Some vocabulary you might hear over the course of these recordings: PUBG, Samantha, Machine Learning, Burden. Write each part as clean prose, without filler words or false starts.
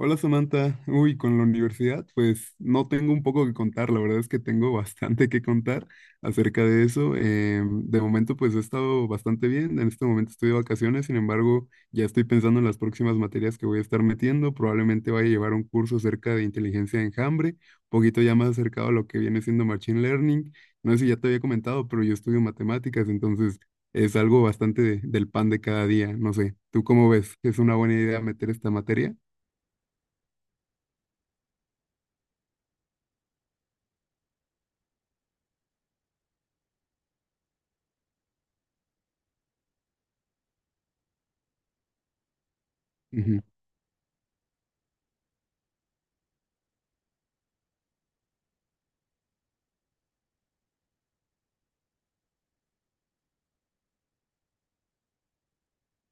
Hola Samantha, con la universidad, pues no tengo un poco que contar, la verdad es que tengo bastante que contar acerca de eso. De momento pues he estado bastante bien, en este momento estoy de vacaciones, sin embargo ya estoy pensando en las próximas materias que voy a estar metiendo, probablemente vaya a llevar un curso acerca de inteligencia de enjambre, un poquito ya más acercado a lo que viene siendo Machine Learning. No sé si ya te había comentado, pero yo estudio matemáticas, entonces es algo bastante del pan de cada día, no sé, ¿tú cómo ves? ¿Es una buena idea meter esta materia?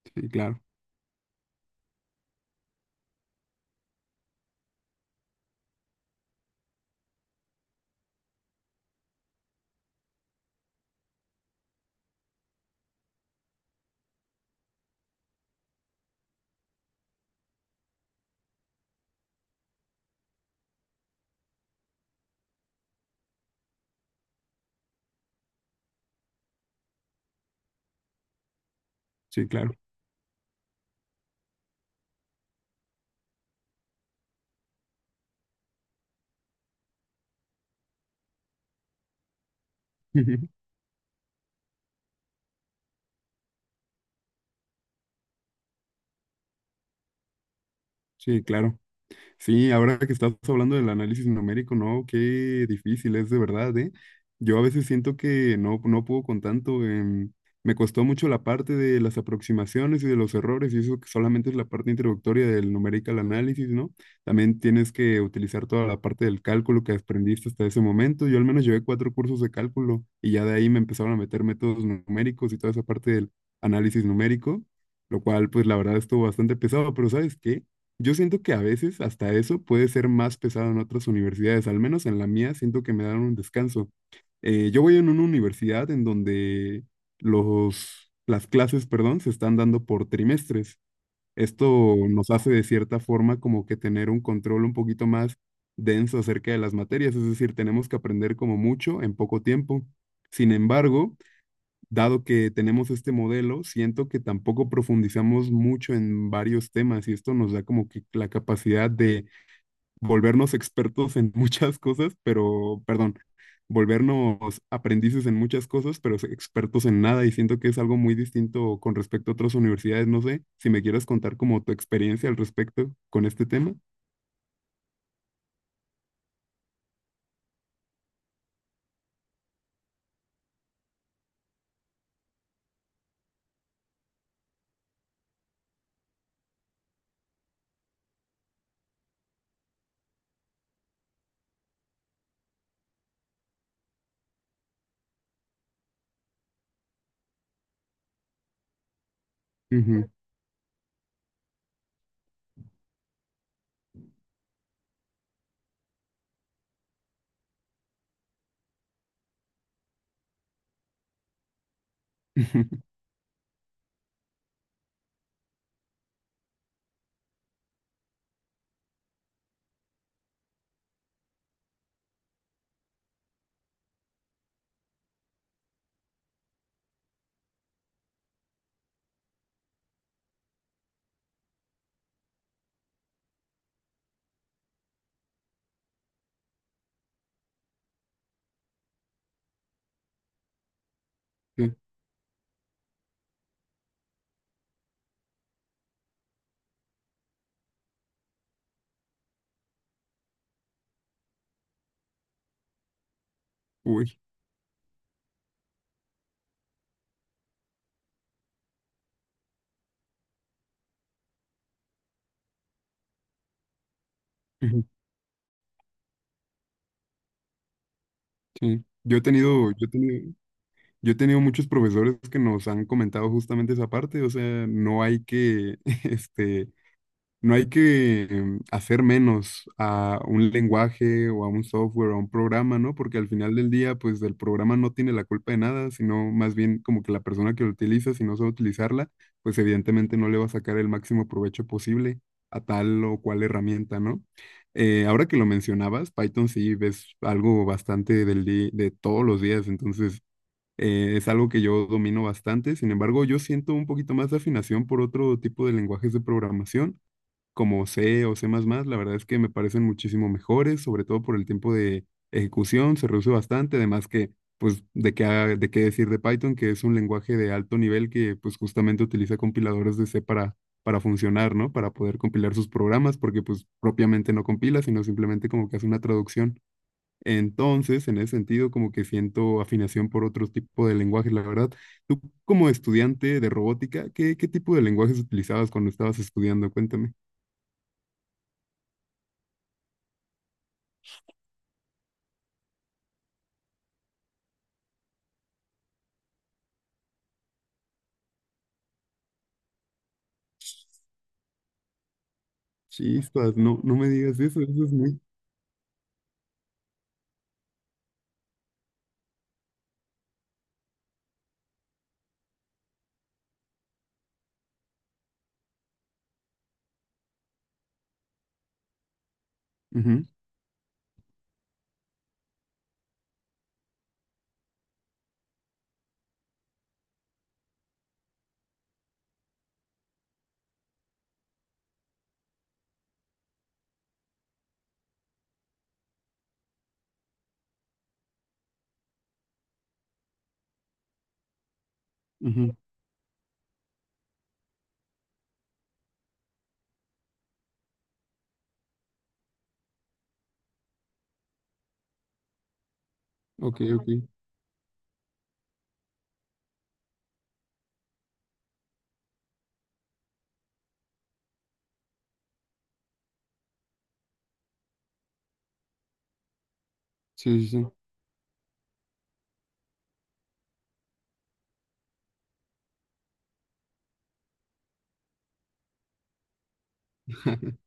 Sí, claro, sí, claro. Sí, claro. Sí, ahora que estás hablando del análisis numérico, no, qué difícil es de verdad, ¿eh? Yo a veces siento que no puedo con tanto. Me costó mucho la parte de las aproximaciones y de los errores, y eso que solamente es la parte introductoria del numerical análisis, ¿no? También tienes que utilizar toda la parte del cálculo que aprendiste hasta ese momento. Yo al menos llevé cuatro cursos de cálculo y ya de ahí me empezaron a meter métodos numéricos y toda esa parte del análisis numérico, lo cual pues la verdad estuvo bastante pesado, pero ¿sabes qué? Yo siento que a veces hasta eso puede ser más pesado en otras universidades, al menos en la mía siento que me dan un descanso. Yo voy en una universidad en donde las clases, perdón, se están dando por trimestres. Esto nos hace de cierta forma como que tener un control un poquito más denso acerca de las materias, es decir, tenemos que aprender como mucho en poco tiempo. Sin embargo, dado que tenemos este modelo, siento que tampoco profundizamos mucho en varios temas y esto nos da como que la capacidad de volvernos expertos en muchas cosas, pero, perdón, volvernos aprendices en muchas cosas, pero expertos en nada y siento que es algo muy distinto con respecto a otras universidades. No sé si me quieras contar como tu experiencia al respecto con este tema. Ujú. Sí. Uy. Ujú, sí. Yo he tenido muchos profesores que nos han comentado justamente esa parte, o sea, no hay que, este, no hay que hacer menos a un lenguaje o a un software o a un programa, ¿no? Porque al final del día, pues el programa no tiene la culpa de nada, sino más bien como que la persona que lo utiliza, si no sabe utilizarla, pues evidentemente no le va a sacar el máximo provecho posible a tal o cual herramienta, ¿no? Ahora que lo mencionabas, Python sí ves algo bastante de todos los días, entonces es algo que yo domino bastante, sin embargo, yo siento un poquito más de afinación por otro tipo de lenguajes de programación, como C o C++, la verdad es que me parecen muchísimo mejores, sobre todo por el tiempo de ejecución, se reduce bastante, además que, pues, de qué decir de Python, que es un lenguaje de alto nivel que, pues, justamente utiliza compiladores de C para funcionar, ¿no? Para poder compilar sus programas, porque, pues, propiamente no compila, sino simplemente como que hace una traducción. Entonces, en ese sentido, como que siento afinación por otro tipo de lenguajes, la verdad. Tú, como estudiante de robótica, ¿qué tipo de lenguajes utilizabas cuando estabas estudiando? Cuéntame. Chispas, no me digas eso, eso es muy... Ujú, ujú. Ok, ok. Sí, sí, sí.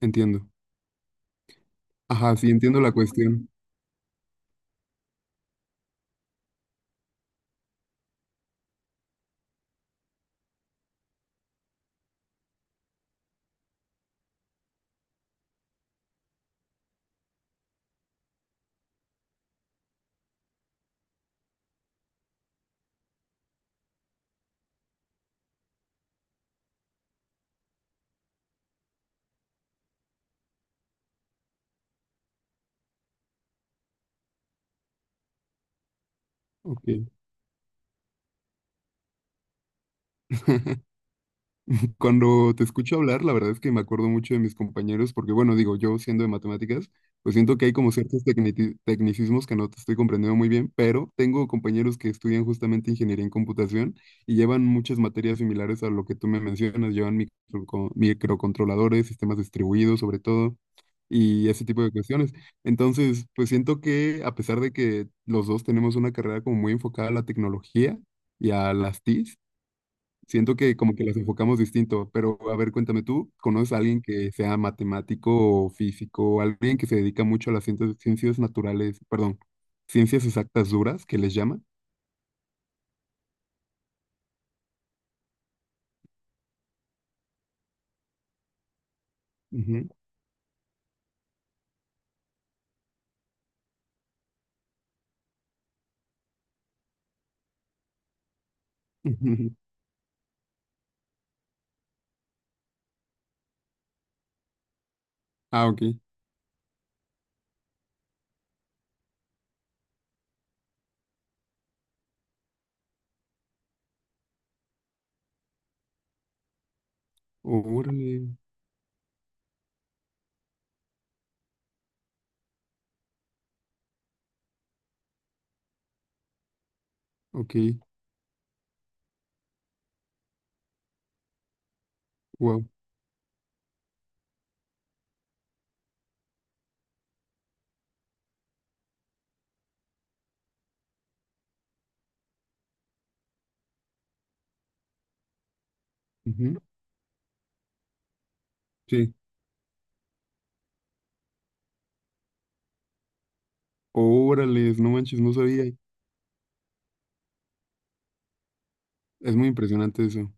Entiendo. Ajá, sí, entiendo la cuestión. Ok. Cuando te escucho hablar, la verdad es que me acuerdo mucho de mis compañeros, porque bueno, digo, yo siendo de matemáticas, pues siento que hay como ciertos tecnicismos que no te estoy comprendiendo muy bien, pero tengo compañeros que estudian justamente ingeniería en computación y llevan muchas materias similares a lo que tú me mencionas, llevan microcontroladores, sistemas distribuidos sobre todo, y ese tipo de cuestiones. Entonces, pues siento que a pesar de que los dos tenemos una carrera como muy enfocada a la tecnología y a las TICs, siento que como que las enfocamos distinto, pero a ver, cuéntame tú, ¿conoces a alguien que sea matemático o físico, alguien que se dedica mucho a las ciencias, ciencias naturales, perdón, ciencias exactas duras, que les llaman? Ujú, ujú. Ah, ok. Órale, ok, wow. Ujú, sí, órale, no manches, no sabía. Es muy impresionante eso.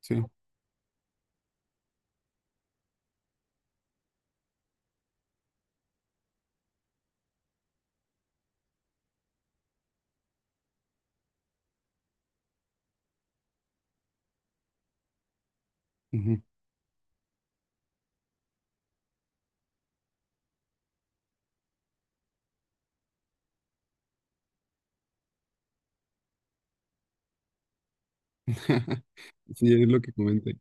Sí, ujú. Sí, es lo que comenté.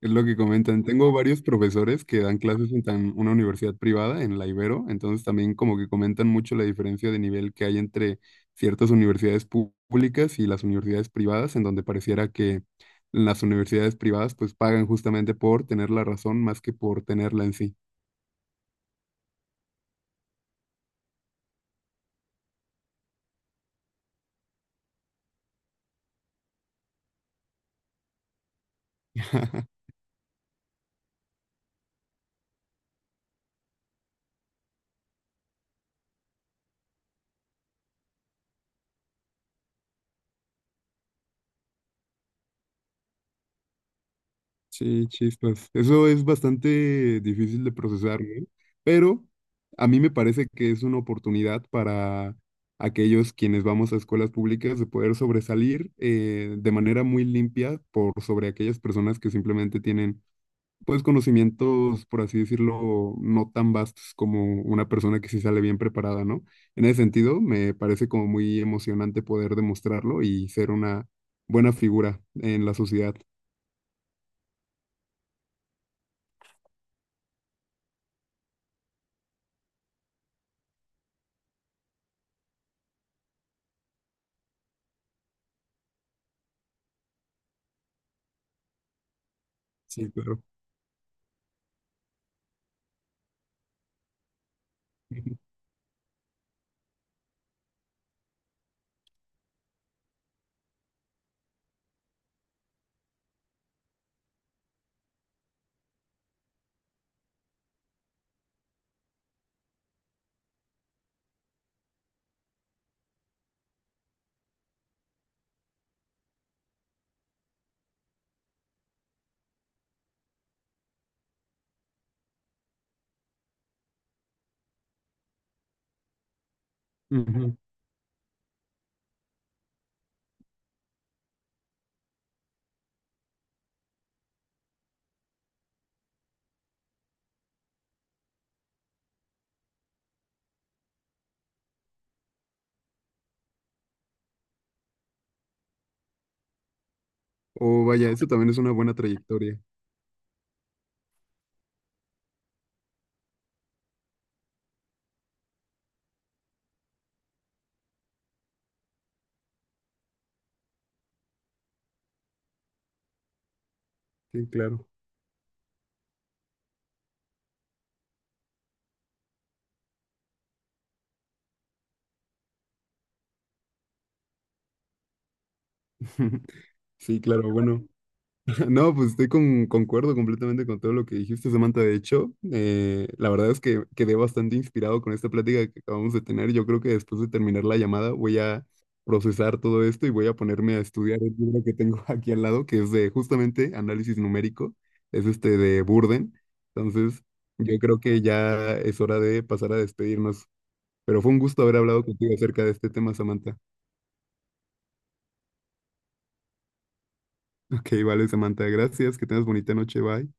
Es lo que comentan. Tengo varios profesores que dan clases en una universidad privada, en la Ibero, entonces también como que comentan mucho la diferencia de nivel que hay entre ciertas universidades públicas y las universidades privadas, en donde pareciera que las universidades privadas pues pagan justamente por tener la razón más que por tenerla en sí. Sí, chispas. Eso es bastante difícil de procesar, ¿no? Pero a mí me parece que es una oportunidad para aquellos quienes vamos a escuelas públicas de poder sobresalir de manera muy limpia por sobre aquellas personas que simplemente tienen, pues, conocimientos, por así decirlo, no tan vastos como una persona que sí sale bien preparada, ¿no? En ese sentido, me parece como muy emocionante poder demostrarlo y ser una buena figura en la sociedad. Sí, claro. Ujú. Oh, vaya, eso también es una buena trayectoria. Sí, claro. Sí, claro, bueno. No, pues estoy con, concuerdo completamente con todo lo que dijiste, Samantha. De hecho, la verdad es que quedé bastante inspirado con esta plática que acabamos de tener. Yo creo que después de terminar la llamada voy a procesar todo esto y voy a ponerme a estudiar el libro que tengo aquí al lado, que es de justamente análisis numérico. Es este de Burden. Entonces, yo creo que ya es hora de pasar a despedirnos. Pero fue un gusto haber hablado contigo acerca de este tema, Samantha. Ok, vale, Samantha. Gracias. Que tengas bonita noche. Bye.